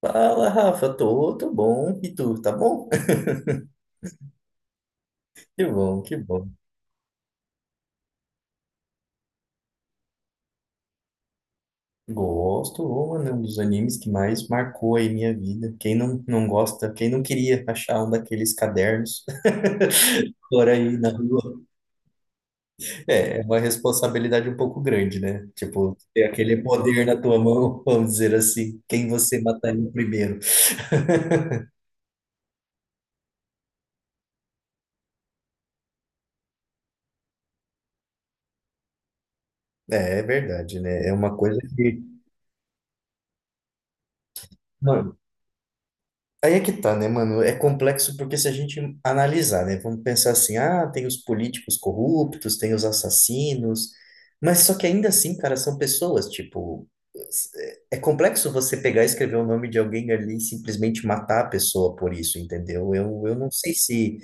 Fala, Rafa, tô bom. E tu, tá bom? Que bom, que bom. Gosto, ô, mano, é um dos animes que mais marcou aí minha vida. Quem não gosta, quem não queria achar um daqueles cadernos por aí na rua? É uma responsabilidade um pouco grande, né? Tipo, ter aquele poder na tua mão, vamos dizer assim, quem você mataria primeiro. É verdade, né? É uma coisa que, mano, aí é que tá, né, mano? É complexo porque se a gente analisar, né, vamos pensar assim, tem os políticos corruptos, tem os assassinos, mas só que ainda assim, cara, são pessoas, tipo, é complexo você pegar e escrever o nome de alguém ali e simplesmente matar a pessoa por isso, entendeu? Eu não sei se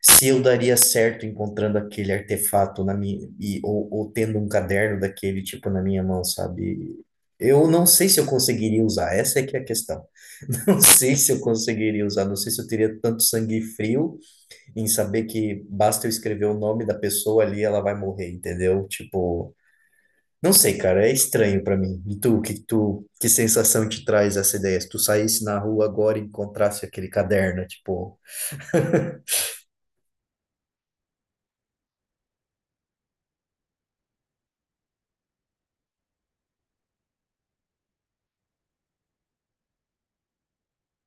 se eu daria certo encontrando aquele artefato na minha ou tendo um caderno daquele tipo na minha mão, sabe? Eu não sei se eu conseguiria usar, essa é que é a questão. Não sei se eu conseguiria usar, não sei se eu teria tanto sangue frio em saber que basta eu escrever o nome da pessoa ali, ela vai morrer, entendeu? Tipo, não sei, cara, é estranho pra mim. E tu, que sensação te traz essa ideia? Se tu saísse na rua agora e encontrasse aquele caderno, tipo,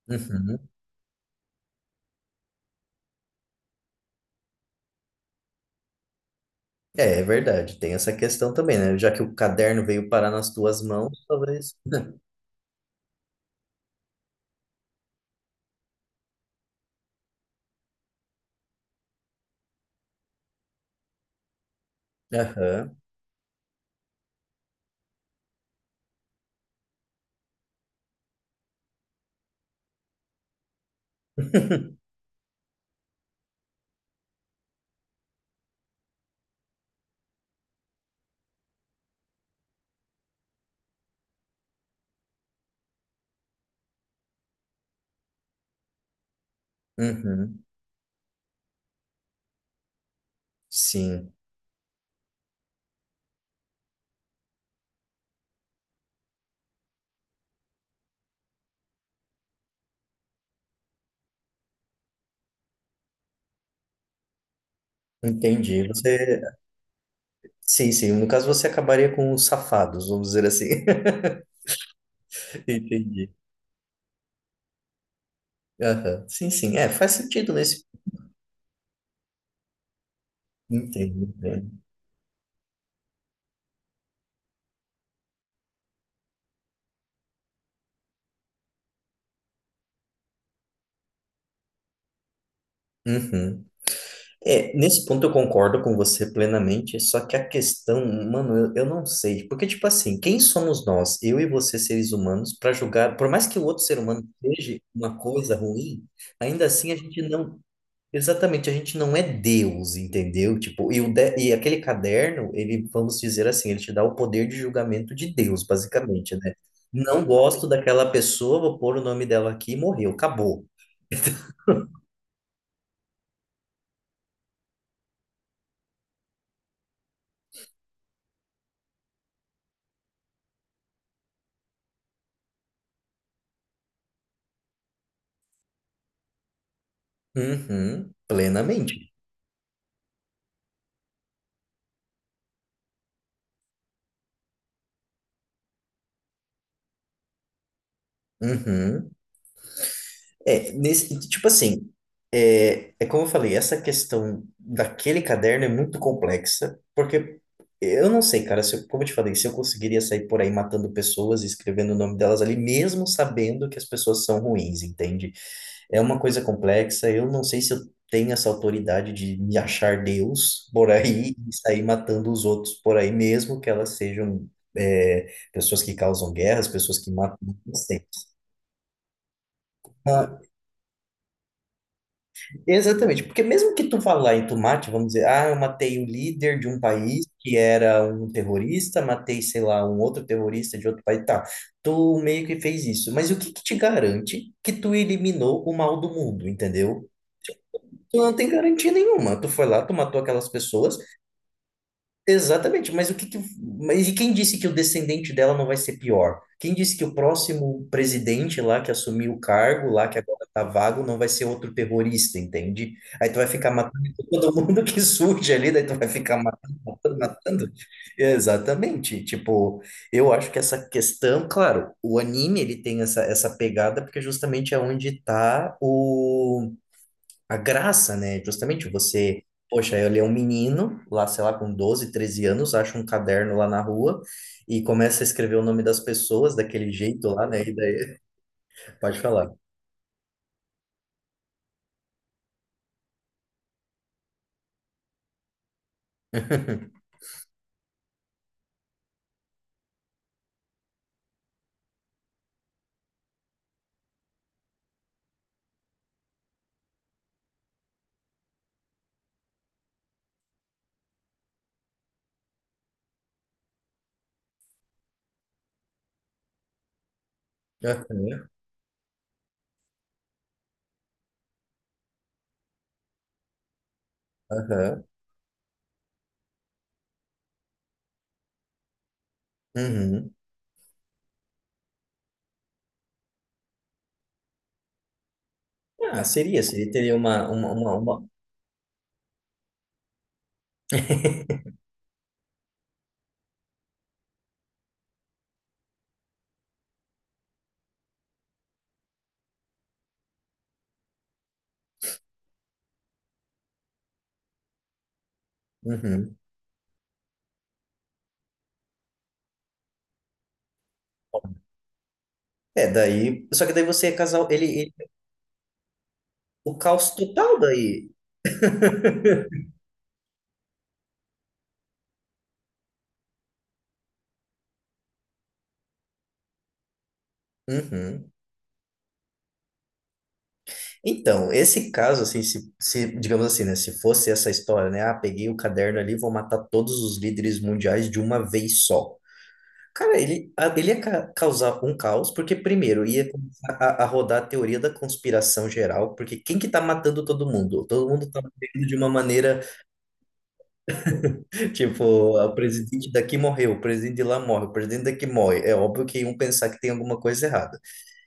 uhum. É verdade, tem essa questão também, né? Já que o caderno veio parar nas tuas mãos, talvez. Aham. Uhum. Sim, entendi. Você. Sim, sim. No caso, você acabaria com os safados, vamos dizer assim. Entendi. Aham. Sim, sim. É, faz sentido nesse. Entendo, entendo. Uhum. É, nesse ponto eu concordo com você plenamente, só que a questão, mano, eu não sei, porque tipo assim, quem somos nós, eu e você seres humanos, para julgar, por mais que o outro ser humano seja uma coisa ruim, ainda assim a gente não, exatamente, a gente não é Deus, entendeu? Tipo, e aquele caderno, ele, vamos dizer assim, ele te dá o poder de julgamento de Deus, basicamente, né? Não gosto daquela pessoa, vou pôr o nome dela aqui e morreu, acabou. Uhum, plenamente. Uhum. É, nesse, tipo assim, é como eu falei, essa questão daquele caderno é muito complexa, porque eu não sei, cara, se eu- como eu te falei, se eu conseguiria sair por aí matando pessoas e escrevendo o nome delas ali, mesmo sabendo que as pessoas são ruins, entende? É uma coisa complexa, eu não sei se eu tenho essa autoridade de me achar Deus por aí e sair matando os outros por aí, mesmo que elas sejam, é, pessoas que causam guerras, pessoas que matam, não sei. Ah, exatamente, porque mesmo que tu falar em tu mate, vamos dizer, ah, eu matei o líder de um país que era um terrorista, matei, sei lá, um outro terrorista de outro país, tá, tu meio que fez isso, mas o que que te garante que tu eliminou o mal do mundo, entendeu? Tu não tem garantia nenhuma, tu foi lá, tu matou aquelas pessoas, exatamente, mas e quem disse que o descendente dela não vai ser pior? Quem disse que o próximo presidente lá que assumiu o cargo, lá que agora tá vago, não vai ser outro terrorista, entende? Aí tu vai ficar matando todo mundo que surge ali, daí tu vai ficar matando, matando, matando. Exatamente. Tipo, eu acho que essa questão, claro, o anime ele tem essa pegada porque justamente é onde tá o a graça, né? Justamente você, poxa, ele é um menino, lá, sei lá, com 12 13 anos, acha um caderno lá na rua e começa a escrever o nome das pessoas daquele jeito lá, né? E daí, pode falar. Aham, aham, uhum. Ah, seria, seria, teria uma. Uhum. É, daí, só que daí você é casal, ele. O caos total daí. Uhum. Então, esse caso, assim, se, digamos assim, né, se fosse essa história, né, ah, peguei o caderno ali, vou matar todos os líderes mundiais de uma vez só. Cara, ele ia causar um caos, porque primeiro ia começar a rodar a teoria da conspiração geral, porque quem que tá matando todo mundo? Todo mundo tá morrendo de uma maneira, tipo, "Ah, o presidente daqui morreu, o presidente de lá morre, o presidente daqui morre. É óbvio que iam pensar que tem alguma coisa errada."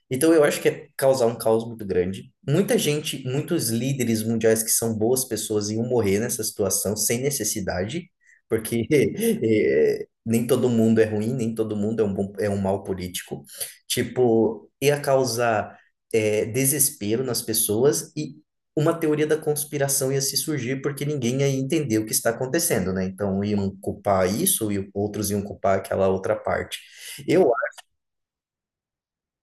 Então eu acho que é causar um caos muito grande. Muita gente, muitos líderes mundiais que são boas pessoas iam morrer nessa situação sem necessidade, porque nem todo mundo é ruim, nem todo mundo é um bom, é um mau político. Tipo, ia causar desespero nas pessoas e uma teoria da conspiração ia se surgir porque ninguém ia entender o que está acontecendo, né? Então iam culpar isso e outros iam culpar aquela outra parte. Eu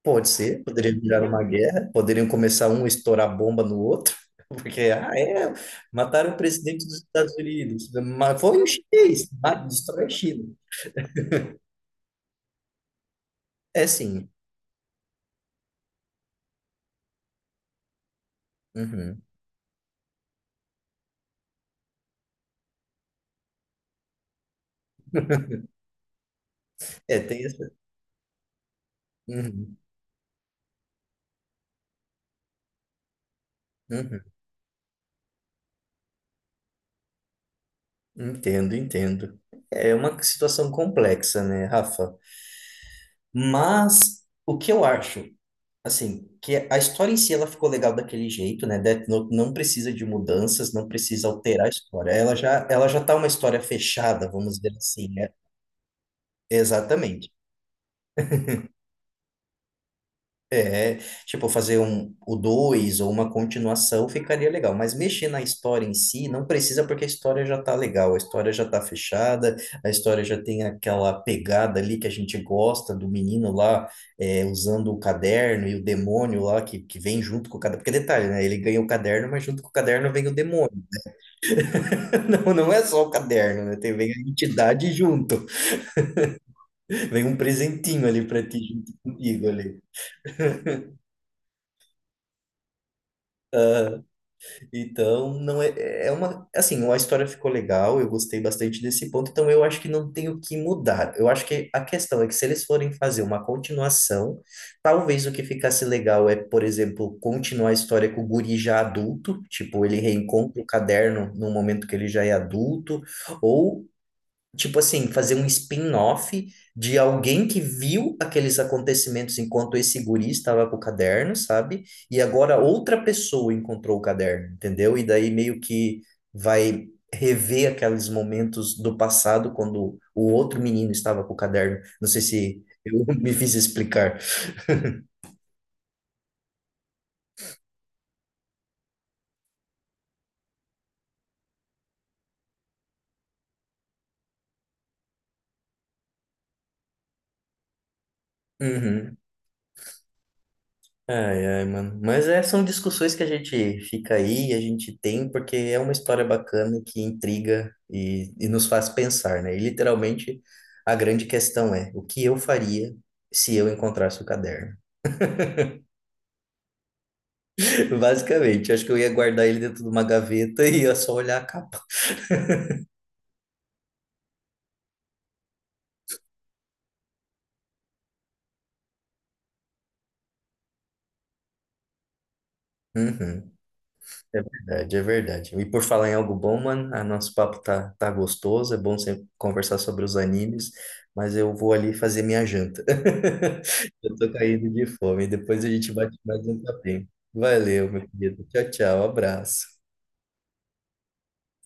pode ser, poderia virar uma guerra, poderiam começar um a estourar bomba no outro, porque, ah, é, mataram o presidente dos Estados Unidos, mas foi o chinês, ah, destrói a China. É sim, uhum. É, tem essa. Uhum, uhum. Entendo, entendo. É uma situação complexa, né, Rafa? Mas o que eu acho? Assim, que a história em si ela ficou legal daquele jeito, né? Death Note não precisa de mudanças, não precisa alterar a história. Ela já tá uma história fechada, vamos dizer assim, né? Exatamente. É, tipo, fazer um, o dois ou uma continuação ficaria legal, mas mexer na história em si não precisa porque a história já tá legal, a história já tá fechada, a história já tem aquela pegada ali que a gente gosta do menino lá é, usando o caderno e o demônio lá que vem junto com o caderno, porque detalhe, né? Ele ganha o caderno, mas junto com o caderno vem o demônio. Não é só o caderno, né? Tem, vem a entidade junto, vem um presentinho ali pra ti junto contigo ali. Então, não é, é uma, assim, a história ficou legal, eu gostei bastante desse ponto, então eu acho que não tem o que mudar. Eu acho que a questão é que se eles forem fazer uma continuação, talvez o que ficasse legal é, por exemplo, continuar a história com o guri já adulto, tipo, ele reencontra o caderno no momento que ele já é adulto, ou tipo assim, fazer um spin-off de alguém que viu aqueles acontecimentos enquanto esse guri estava com o caderno, sabe? E agora outra pessoa encontrou o caderno, entendeu? E daí meio que vai rever aqueles momentos do passado quando o outro menino estava com o caderno. Não sei se eu me fiz explicar. Uhum. Ai, ai, mano. Mas é, são discussões que a gente fica aí, a gente tem, porque é uma história bacana que intriga e nos faz pensar, né? E literalmente a grande questão é o que eu faria se eu encontrasse o caderno? Basicamente, acho que eu ia guardar ele dentro de uma gaveta e ia só olhar a capa. Uhum. É verdade, é verdade. E por falar em algo bom, mano, a nosso papo tá gostoso, é bom sempre conversar sobre os animes, mas eu vou ali fazer minha janta. Eu tô caindo de fome, depois a gente bate mais um papinho. Valeu, meu querido. Tchau, tchau, abraço.